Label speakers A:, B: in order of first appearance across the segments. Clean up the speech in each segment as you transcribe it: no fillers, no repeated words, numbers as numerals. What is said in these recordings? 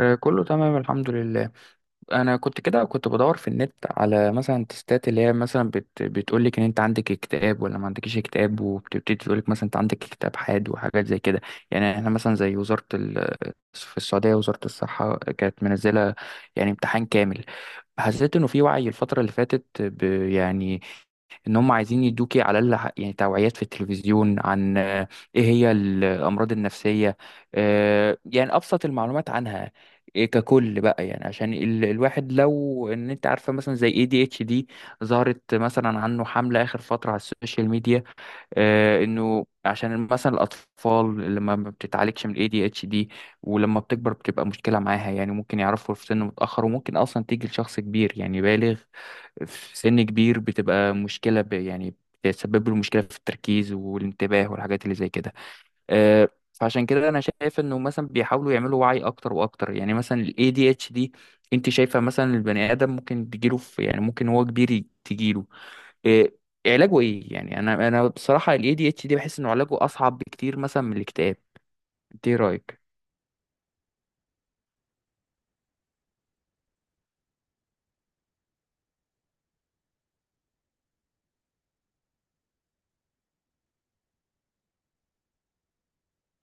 A: كله تمام، الحمد لله. انا كنت كده كنت بدور في النت على مثلا تستات اللي هي مثلا بتقول لك ان انت عندك اكتئاب ولا ما عندكش اكتئاب، وبتبتدي تقول لك مثلا انت عندك اكتئاب حاد وحاجات زي كده. يعني احنا مثلا زي وزارة في السعودية، وزارة الصحة كانت منزلة يعني امتحان كامل. حسيت انه في وعي الفترة اللي فاتت يعني ان هم عايزين يدوكي على الاقل يعني توعيات في التلفزيون عن ايه هي الامراض النفسيه. يعني ابسط المعلومات عنها، ككل بقى. يعني عشان الواحد لو ان انت عارفه، مثلا زي ADHD، ظهرت مثلا عنه حمله اخر فتره على السوشيال ميديا. انه عشان مثلا الاطفال اللي ما بتتعالجش من الـADHD، ولما بتكبر بتبقى مشكله معاها. يعني ممكن يعرفوا في سن متاخر، وممكن اصلا تيجي لشخص كبير يعني بالغ. في سن كبير بتبقى مشكله يعني بتسبب له مشكله في التركيز والانتباه والحاجات اللي زي كده. فعشان كده انا شايف انه مثلا بيحاولوا يعملوا وعي اكتر واكتر. يعني مثلا الـADHD، انت شايفه مثلا البني ادم ممكن تجيله يعني ممكن هو كبير تجيله. إيه علاجه ايه؟ يعني انا بصراحه الـADHD بحس انه علاجه اصعب بكتير مثلا من الاكتئاب. انت ايه رايك؟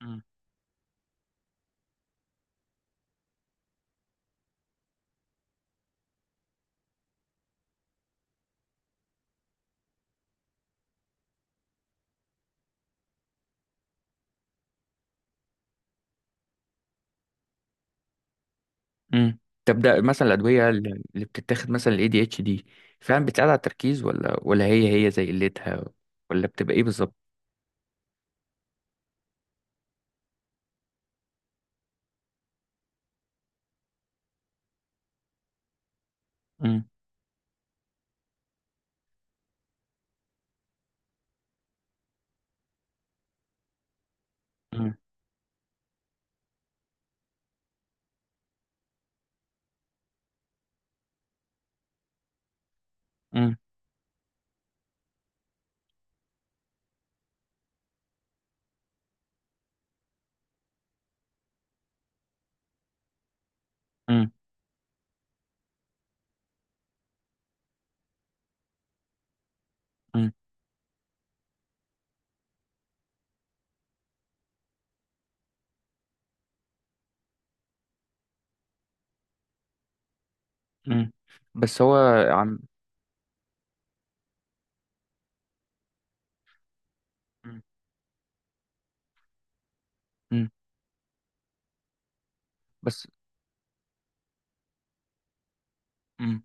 A: مم. امم. طب ده مثلا الادويه اللي بتتاخد مثلا الـADHD، فعلا بتساعد على التركيز ولا، هي زي قلتها، ولا بتبقى ايه بالظبط؟ مم. مم. مم. مم. مم. مم. بس هو. عم. مم. مم. بس مم.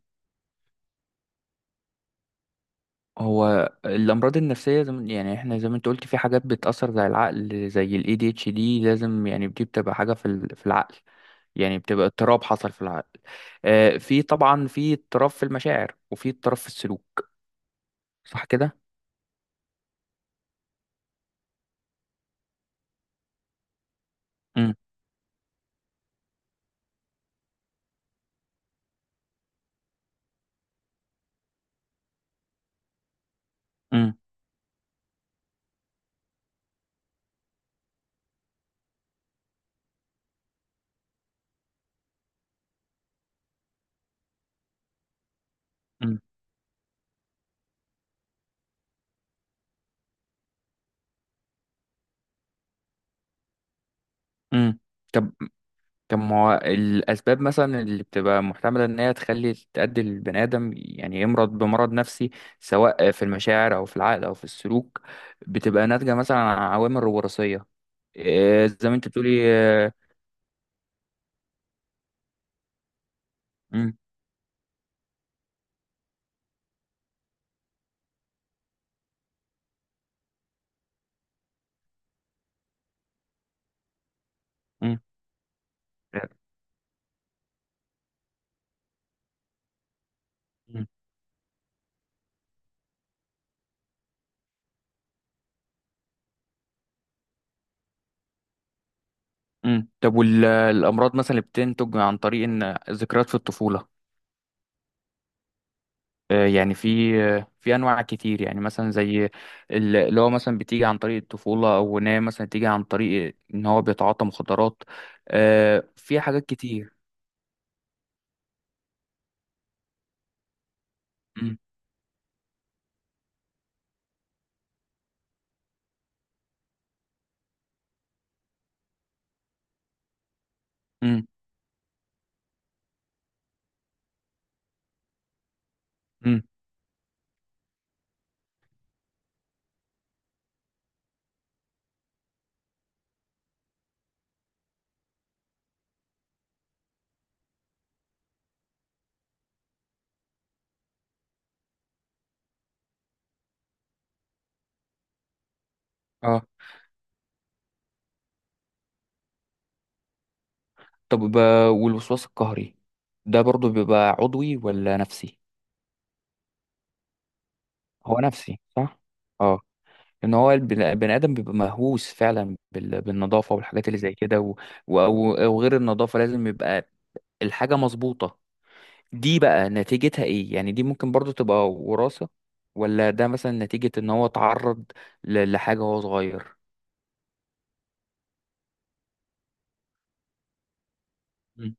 A: هو الامراض النفسيه، زي ما- يعني احنا زي ما انت قلت، في حاجات بتاثر زي العقل، زي الـADHD، لازم. يعني دي بتبقى حاجه في العقل، يعني بتبقى اضطراب حصل في العقل. في طبعا في اضطراب في المشاعر، وفي اضطراب في السلوك. صح كده؟ امم. امم. امم. امم. طب طب ما هو الاسباب مثلا اللي بتبقى محتمله ان هي تؤدي البني ادم يعني يمرض بمرض نفسي، سواء في المشاعر او في العقل او في السلوك؟ بتبقى ناتجه مثلا عن عوامل وراثيه، زي ما انت بتقولي. مم. مم. مم. مم. طب، والامراض مثلا اللي بتنتج عن طريق ان ذكريات في الطفوله؟ يعني في في انواع كتير، يعني مثلا زي اللي هو مثلا بتيجي عن طريق الطفوله، او ان هي مثلا تيجي عن طريق ان هو بيتعاطى مخدرات. في حاجات كتير. مم. مم. مم. اه. طب، والوسواس القهري ده برضو بيبقى عضوي ولا نفسي؟ هو نفسي، صح؟ اه. ان هو بني ادم بيبقى مهووس فعلا بالنظافه والحاجات اللي زي كده، و- او غير النظافه، لازم يبقى الحاجه مظبوطه. دي بقى نتيجتها ايه؟ يعني دي ممكن برضو تبقى وراثة، ولا ده مثلا نتيجة ان هو اتعرض لحاجة وهو صغير؟ مم.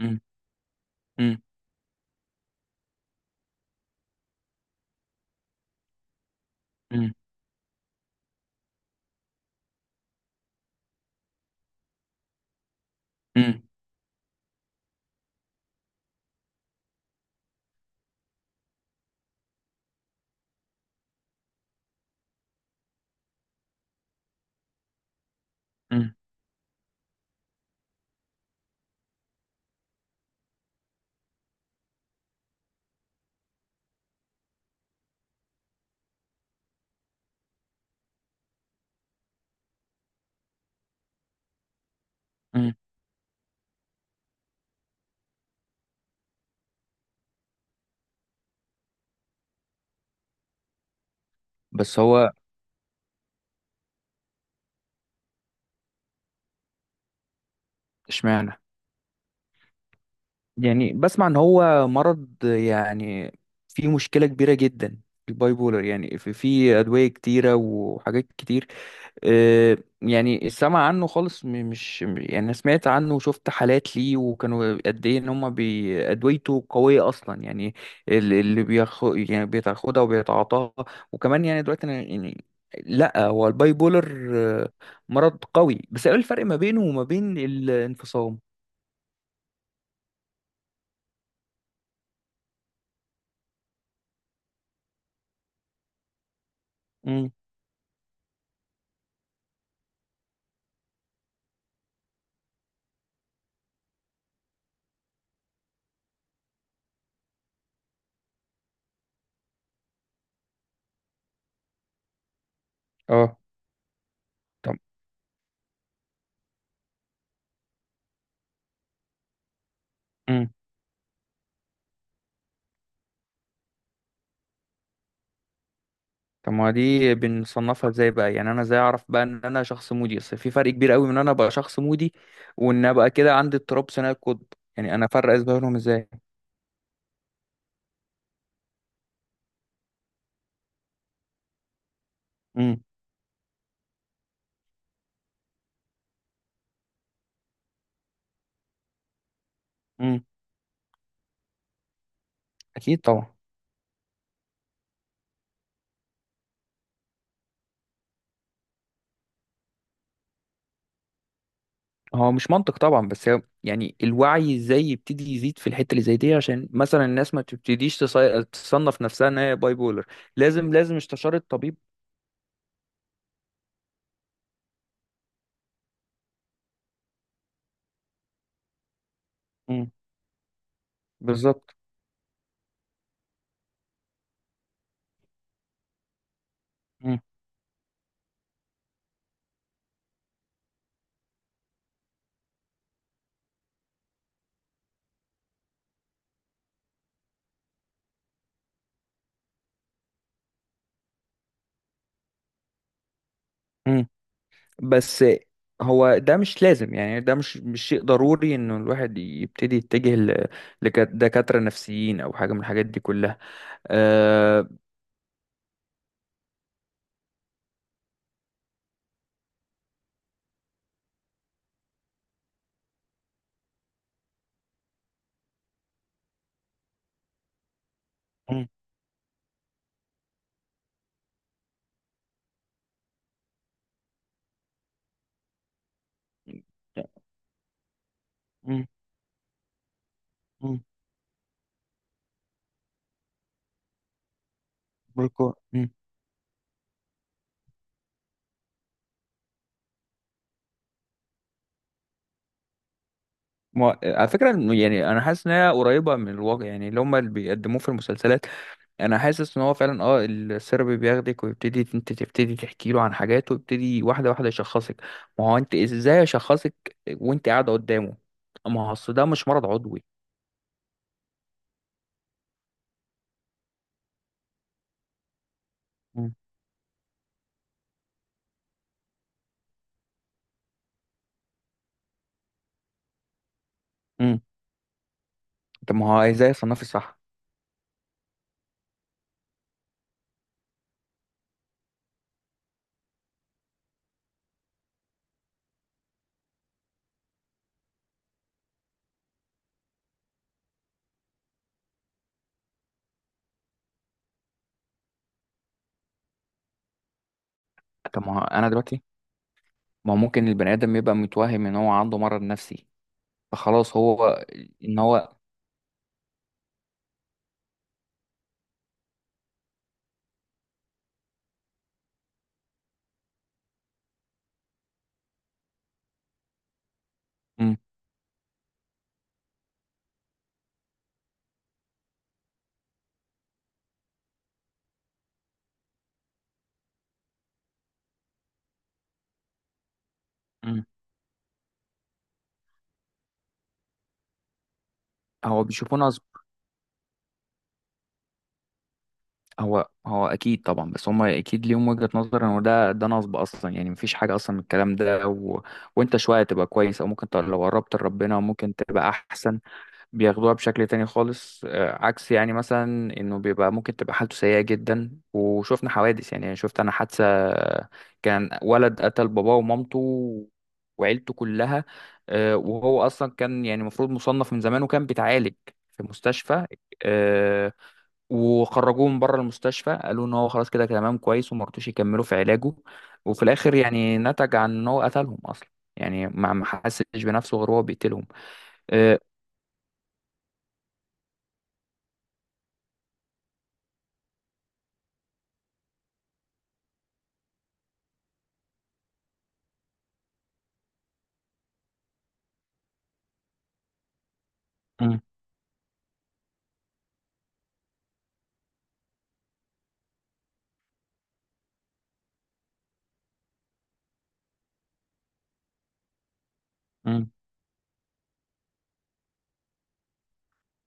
A: مم. مم. مم. مم. مم. مم. بس هو. اشمعنى؟ يعني بسمع ان هو مرض يعني فيه مشكلة كبيرة جدا. الباي بولر يعني في أدوية كتيرة وحاجات كتير. يعني السمع عنه خالص، مش. يعني أنا سمعت عنه وشفت حالات ليه، وكانوا قد ايه. ان هم ادويته قويه اصلا يعني، اللي بياخد يعني بيتاخدها وبيتعاطاها. وكمان يعني دلوقتي أنا يعني، لا هو الباي بولر، آه، مرض قوي. بس ايه الفرق ما بينه وما بين الانفصام؟ امم. اه. طب طب ما دي بنصنفها ازاي بقى؟ يعني انا ازاي اعرف بقى ان انا شخص مودي؟ اصل في فرق كبير قوي من ان انا ابقى شخص مودي، وان ابقى كده عندي اضطراب ثنائي القطب. يعني انا افرق ازاي بينهم، ازاي؟ امم. امم. اكيد طبعا. هو مش منطق طبعا، بس هو يعني الوعي ازاي يبتدي يزيد في الحته اللي زي دي، عشان مثلا الناس ما تبتديش تصنف نفسها ان هي باي بولر. لازم لازم استشاره طبيب. امم. بالظبط. امم. بس هو ده مش لازم. يعني ده مش شيء ضروري انه الواحد يبتدي يتجه لدكاترة نفسيين او حاجة من الحاجات دي كلها. أه. مم. مم. مم. مم. ما على فكرة، إنه يعني أنا حاسس إن هي قريبة من الواقع، يعني اللي هما اللي بيقدموه في المسلسلات. أنا حاسس إن هو فعلا، السيرابي بياخدك، ويبتدي أنت تبتدي تحكي له عن حاجات، ويبتدي واحدة واحدة يشخصك. ما هو أنت إزاي أشخصك وأنت قاعدة قدامه؟ ما هو أصل ده مش مرض عضوي. امم. طب، ما هو ازاي يصنفي صح؟ طب، ما هو ممكن البني ادم يبقى متوهم ان هو عنده مرض نفسي، فخلاص هو. ان هو. امم. امم. هو بيشوفوه نصب. هو اكيد طبعا، بس هم اكيد ليهم وجهة نظر ان ده نصب اصلا، يعني مفيش حاجه اصلا من الكلام ده، و... وانت شويه تبقى كويس، او ممكن لو قربت لربنا ممكن تبقى احسن. بياخدوها بشكل تاني خالص، عكس يعني. مثلا انه بيبقى ممكن تبقى حالته سيئة جدا، وشفنا حوادث. يعني شفت انا حادثة، كان ولد قتل باباه ومامته وعيلته كلها. وهو اصلا كان يعني المفروض مصنف من زمان، وكان بيتعالج في مستشفى. آه، وخرجوه من بره المستشفى، قالوا ان هو خلاص، كده كده تمام كويس، وما رضوش يكملوا في علاجه. وفي الاخر يعني نتج عن ان هو قتلهم اصلا. يعني ما حسش بنفسه غير هو بيقتلهم. آه، مم. مم.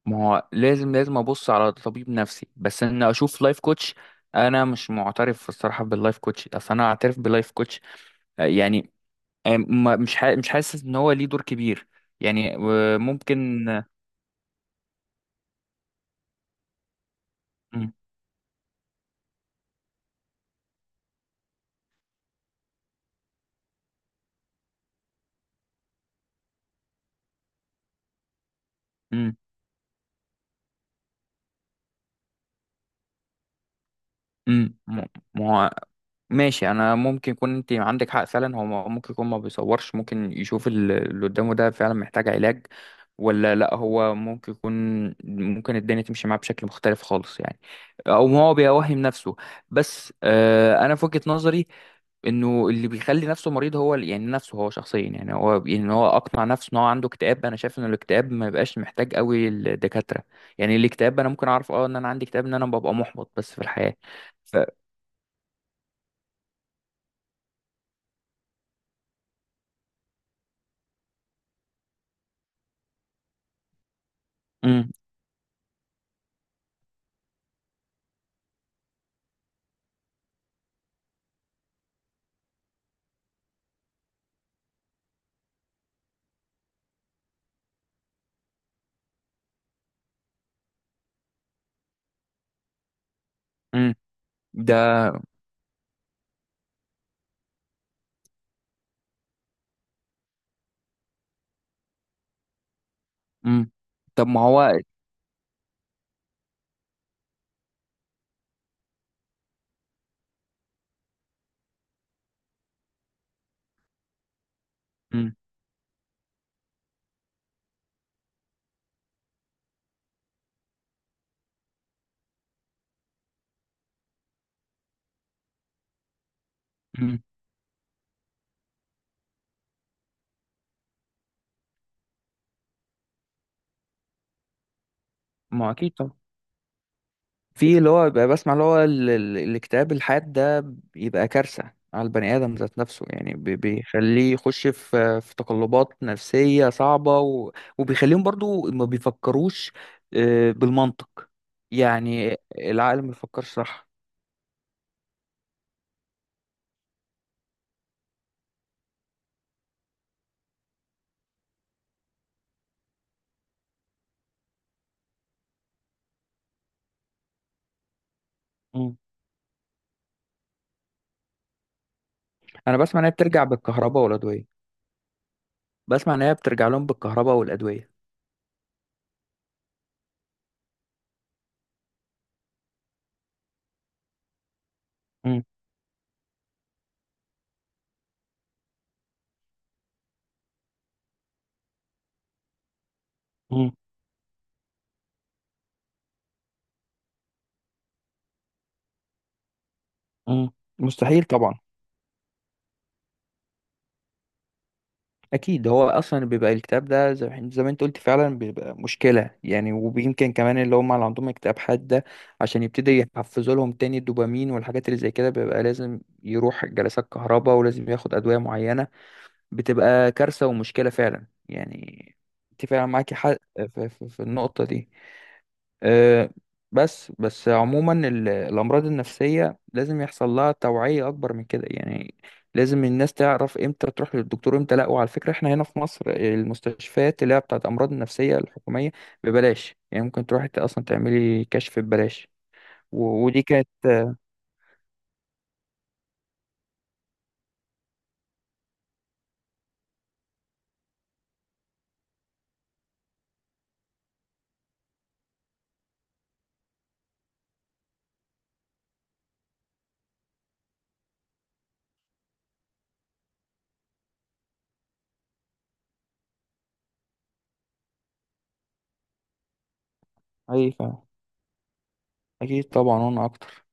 A: ما هو لازم لازم ابص على طبيب نفسي، بس ان اشوف لايف كوتش. انا مش معترف الصراحه باللايف كوتش. اصل انا اعترف باللايف كوتش، يعني مش حاسس ان هو ليه دور كبير. يعني ممكن. مم. مم. مم. مم. ماشي، انا ممكن يكون انت عندك حق فعلا. هو ممكن يكون ما بيصورش، ممكن يشوف اللي قدامه ده فعلا محتاج علاج ولا لا. هو ممكن الدنيا تمشي معاه بشكل مختلف خالص يعني، او هو بيوهم نفسه. بس انا في وجهة نظري، انه اللي بيخلي نفسه مريض هو يعني نفسه، هو شخصيا. يعني هو ان هو اقنع نفسه ان هو عنده اكتئاب. انا شايف ان الاكتئاب ما بيبقاش محتاج قوي الدكاترة. يعني الاكتئاب انا ممكن اعرف ان انا عندي اكتئاب، ان انا ببقى محبط بس في الحياة. ف... مم. مم. ده. امم. طب ما هو. امم. امم. ما هو اكيد طبعا، في اللي هو بيبقى بسمع اللي هو الاكتئاب الحاد ده، بيبقى كارثة على البني آدم ذات نفسه. يعني بيخليه يخش في تقلبات نفسية صعبة، وبيخليهم برضو ما بيفكروش بالمنطق. يعني العقل ما بيفكرش، صح؟ مم. أنا بسمع إن هي بترجع بالكهرباء والأدوية. بسمع إن هي بترجع لهم بالكهرباء والأدوية. مم. مم. مم. مستحيل طبعا. اكيد هو اصلا بيبقى الكتاب ده زي ما انت قلت فعلا، بيبقى مشكله يعني، ويمكن كمان اللي هم اللي عندهم اكتئاب حاده، عشان يبتدي يحفزوا لهم تاني الدوبامين والحاجات اللي زي كده، بيبقى لازم يروح جلسات كهرباء ولازم ياخد ادويه معينه. بتبقى كارثه ومشكله فعلا يعني. انت فعلا معاكي حق في النقطه دي، آه، بس عموما. الأمراض النفسية لازم يحصل لها توعية أكبر من كده يعني. لازم الناس تعرف إمتى تروح للدكتور إمتى لأ. وعلى فكرة، إحنا هنا في مصر المستشفيات اللي هي بتاعت أمراض النفسية الحكومية، ببلاش. يعني ممكن تروحي أصلا تعملي كشف ببلاش. ودي كانت. أي فا- أكيد طبعا، وأنا أكتر.